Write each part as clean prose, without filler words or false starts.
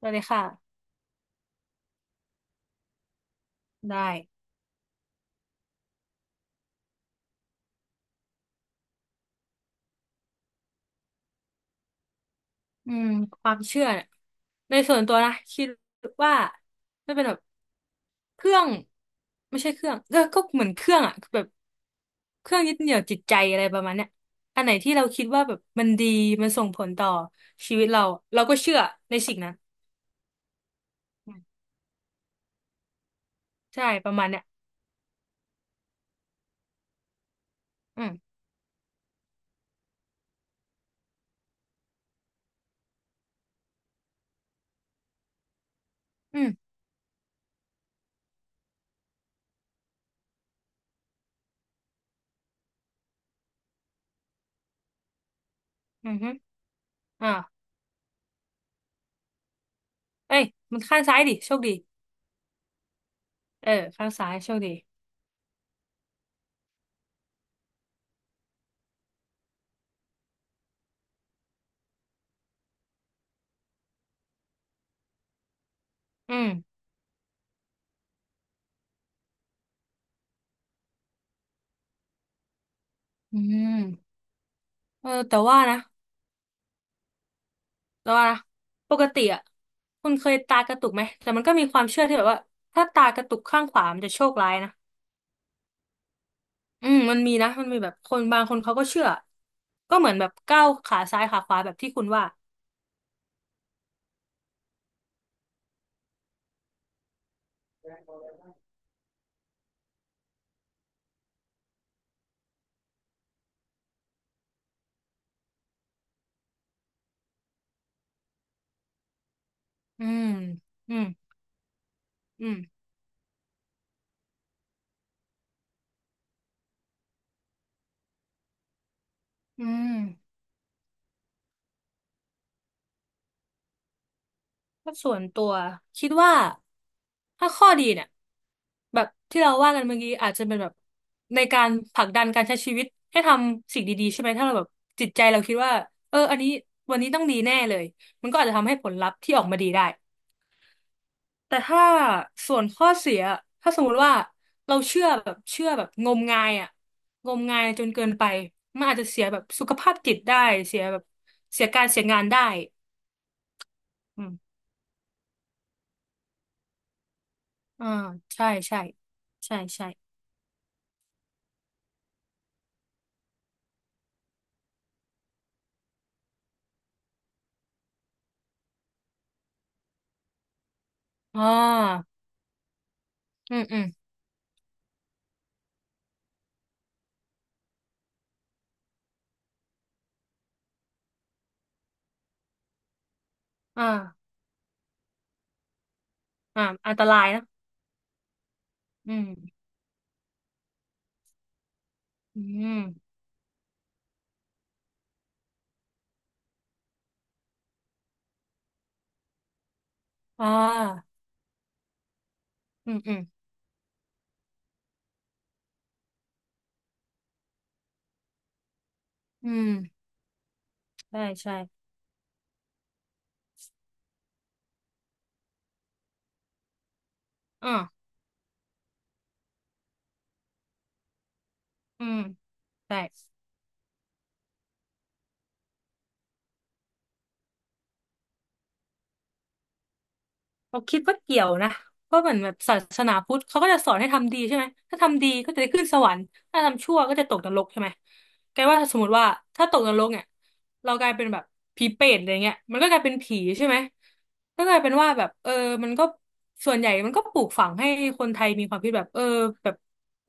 ได้เลยค่ะได้อืมความเชื่อเนี่ยในส่วนตัวนะคิดว่าไม่เป็นแบบเครื่องไม่ใช่เครื่องก็เหมือนเครื่องอะแบบเครื่องยึดเหนี่ยวจิตใจอะไรประมาณเนี้ยอันไหนที่เราคิดว่าแบบมันดีมันส่งผลต่อชีวิตเราเราก็เชื่อในสิ่งนั้นอืมใช่ประมาณเนี้ยอืมอืมอือฮึอ่าเอ้ยมันข้างซ้ายดิโชคดีเออข้างซ้ายโชคดีอืมอืมเออแต่ว่านะ แล้วว่านะปกติอ่ะคุณเคยตากระตุกไหมแต่มันก็มีความเชื่อที่แบบว่าถ้าตากระตุกข้างขวามันจะโชคร้ายนะอืมมันมีนะมันมีแบบคนบางคนเขาก็เชื่อก็เหมือนแบบก้าวขาซ้ายขาขวาแบบที่คุณว่าอืมอืมอืมอืม ถ้าส่วนตัวคิดว่าถ้าข้อดีเนี่ยแบบที่เราว่ากันเมื่อกี้อาจจะเป็นแบบในการผลักดันการใช้ชีวิตให้ทำสิ่งดีๆใช่ไหมถ้าเราแบบจิตใจเราคิดว่าเอออันนี้วันนี้ต้องดีแน่เลยมันก็อาจจะทำให้ผลลัพธ์ที่ออกมาดีได้แต่ถ้าส่วนข้อเสียถ้าสมมติว่าเราเชื่อแบบเชื่อแบบงมงายอ่ะงมงายจนเกินไปมันอาจจะเสียแบบสุขภาพจิตได้เสียแบบเสียการเสียงานได้อืมอ่าใช่ใช่ใช่ใช่ อ่า อืมอืมอ่า อ่าอันตรายนะ อืม อืมอ่า อืมอืม อืมใช่ใช่ อ่า อืม ได้ เราคิดว่าเกี่ยวนะเพราะเหมือนแบบศาสนาพุทธเขาก็จะสอนให้ทำดีใช่ไหมถ้าทำดีก็จะได้ขึ้นสวรรค์ถ้าทำชั่วก็จะตกนรกใช่ไหมแกว่าสมมติว่าถ้าตกนรกเนี่ยเรากลายเป็นแบบผีเปรตอะไรเงี้ยมันก็กลายเป็นผีใช่ไหมก็กลายเป็นว่าแบบเออมันก็ส่วนใหญ่มันก็ปลูกฝังให้คนไทยมีความคิดแบบเออแบบ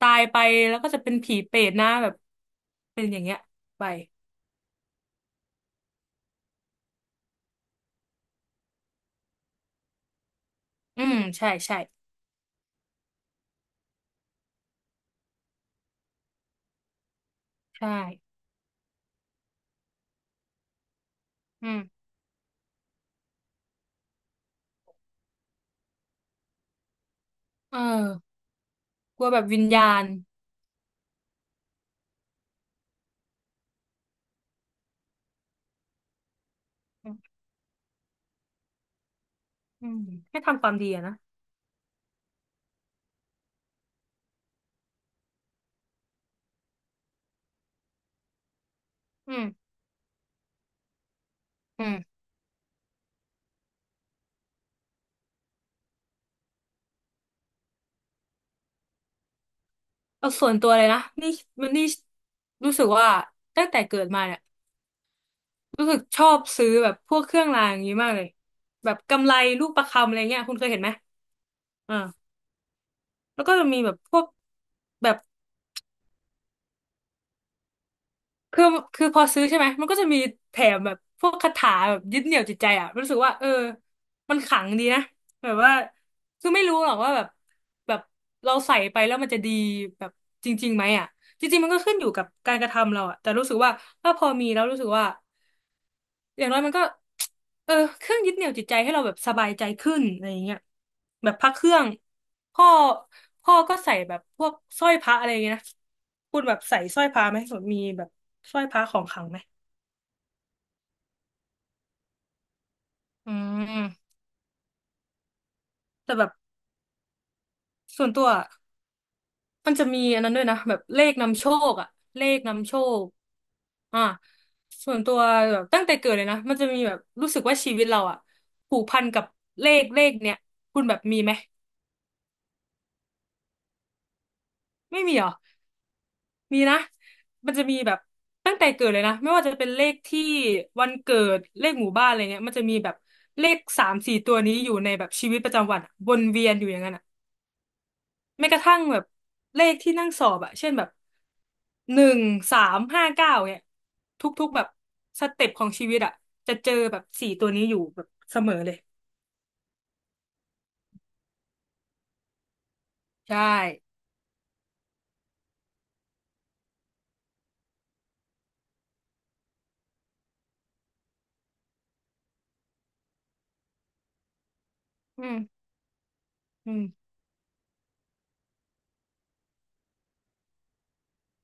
ตายไปแล้วก็จะเป็นผีเปรตนะแบบเป็นอย่างเงี้ยไปอืมใช่ใช่ใช่อืมเออกลัวแบบวิญญาณ อืมให้ทำความดีอะนะอืมอืมเอาส่วนตัวเลยนะนี่มันนี่รู้สึกว่าตั้งแต่เกิดมาเนี่ยรู้สึกชอบซื้อแบบพวกเครื่องรางอย่างนี้มากเลยแบบกำไรลูกประคำอะไรเงี้ยคุณเคยเห็นไหมอ่าแล้วก็จะมีแบบพวกแบบคือคือพอซื้อใช่ไหมมันก็จะมีแถมแบบพวกคาถาแบบยึดเหนี่ยวจิตใจอ่ะรู้สึกว่าเออมันขลังดีนะแบบว่าคือไม่รู้หรอกว่าแบบแบบเราใส่ไปแล้วมันจะดีแบบจริงๆไหมอ่ะ จริงๆมันก็ขึ้นอยู่กับการกระทำเราอะแต่รู้สึกว่าถ้าพอมีแล้วรู้สึกว่าอย่างน้อยมันก็เออเครื่องยึดเหนี่ยวจิตใจให้เราแบบสบายใจขึ้นอะไรอย่างเงี้ยแบบพระเครื่องพ่อพ่อก็ใส่แบบพวกสร้อยพระอะไรอย่างเงี้ยนะคุณแบบใส่สร้อยพระไหมแบบมีแบบสร้อยพระของขลังไหมอืมแต่แบบส่วนตัว มันจะมีอันนั้นด้วยนะแบบเลขนำโชคอะเลขนำโชคอ่าส่วนตัวแบบตั้งแต่เกิดเลยนะมันจะมีแบบรู้สึกว่าชีวิตเราอะผูกพันกับเลขเนี้ยคุณแบบมีไหมไม่มีเหรอมีนะมันจะมีแบบตั้งแต่เกิดเลยนะไม่ว่าจะเป็นเลขที่วันเกิดเลขหมู่บ้านอะไรเงี้ยมันจะมีแบบเลขสามสี่ตัวนี้อยู่ในแบบชีวิตประจำวันอะวนเวียนอยู่อย่างนั้นอะ แม้กระทั่งแบบเลขที่นั่งสอบอะเช่นแบบ1 3 5 9เนี่ยทุกๆแบบสเต็ปของชีวิตอะจะเจอแบบสี่ตัวนี้อยู่แบบเสมอเลยใช่อืมอืม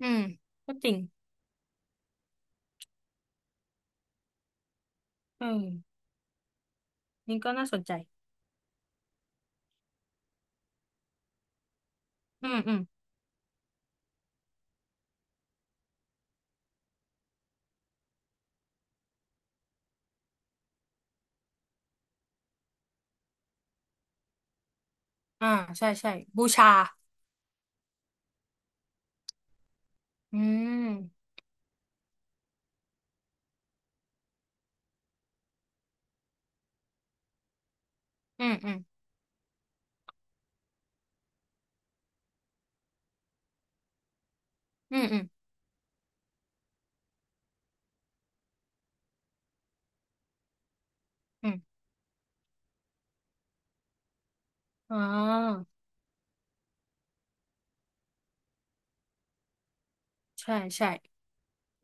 อืมก็จริงเออนี่ก็น่าสนใจ อืมอืมอ่าใช่ใช่บูชาอืมอืมอืมอืมอืมอืมอ๋อใช่ใช่โห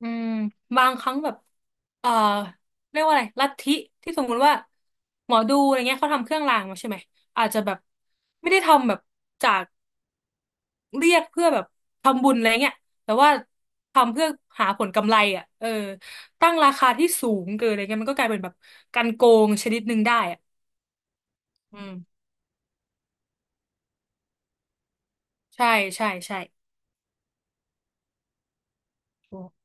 อืมบางครั้งแบบเอ่อเรียกว่าอะไรลัทธิที่สมมุติว่าหมอดูอะไรเงี้ยเขาทำเครื่องรางมาใช่ไหม อาจจะแบบไม่ได้ทำแบบจากเรียกเพื่อแบบทำบุญอะไรเงี้ยแต่ว่าทำเพื่อหาผลกำไรอ่ะเออตั้งราคาที่สูงเกินอะไรเงี้ยมันก็กลายเป็นแบบการโกงชนิดหนึ่งได้อ่ะอืมใช่ ใช่ ใช่โอ้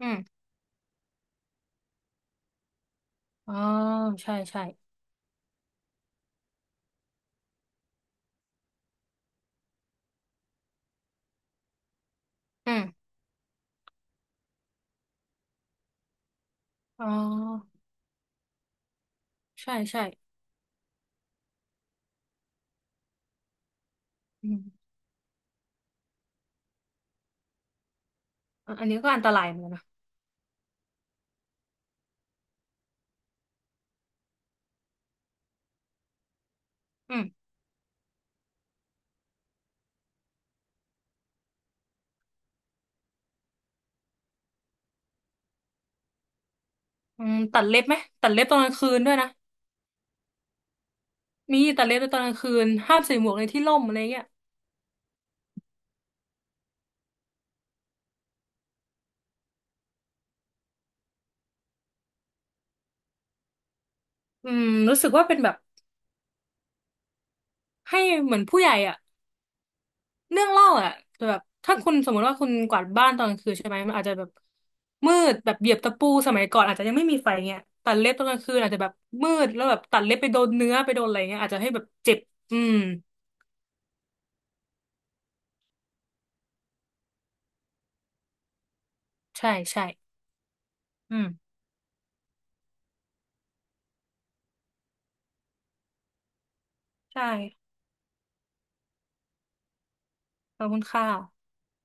อืมอ๋อใช่ใช่อืมอ๋อใช่ใช่อืมอะอันนี้ก็อันตรายเหมือนกันนะอืม อืมตัดเล็บไหมตัดเล็บตอนกลางคืนด้วยนะมีตัดเล็บตอนกลางคืนห้ามใส่หมวกในที่ร่มอะไรเงี้ยอืมรู้สึกว่าเป็นแบบให้เหมือนผู้ใหญ่อ่ะเรื่องเล่าอ่ะแต่แบบถ้าคุณสมมติว่าคุณกวาดบ้านตอนกลางคืนใช่ไหมมันอาจจะแบบมืดแบบเหยียบตะปูสมัยก่อนอาจจะยังไม่มีไฟเงี้ยตัดเล็บตอนกลางคืนอาจจะแบบมืดแล้วแบบตัดเล็บไปโดนเนื้อไปโดนอะไรเงี้ยอาจจะให้แบบเจ็บอืมใช่ใช่อืมใช่ขอบคุณค่ะ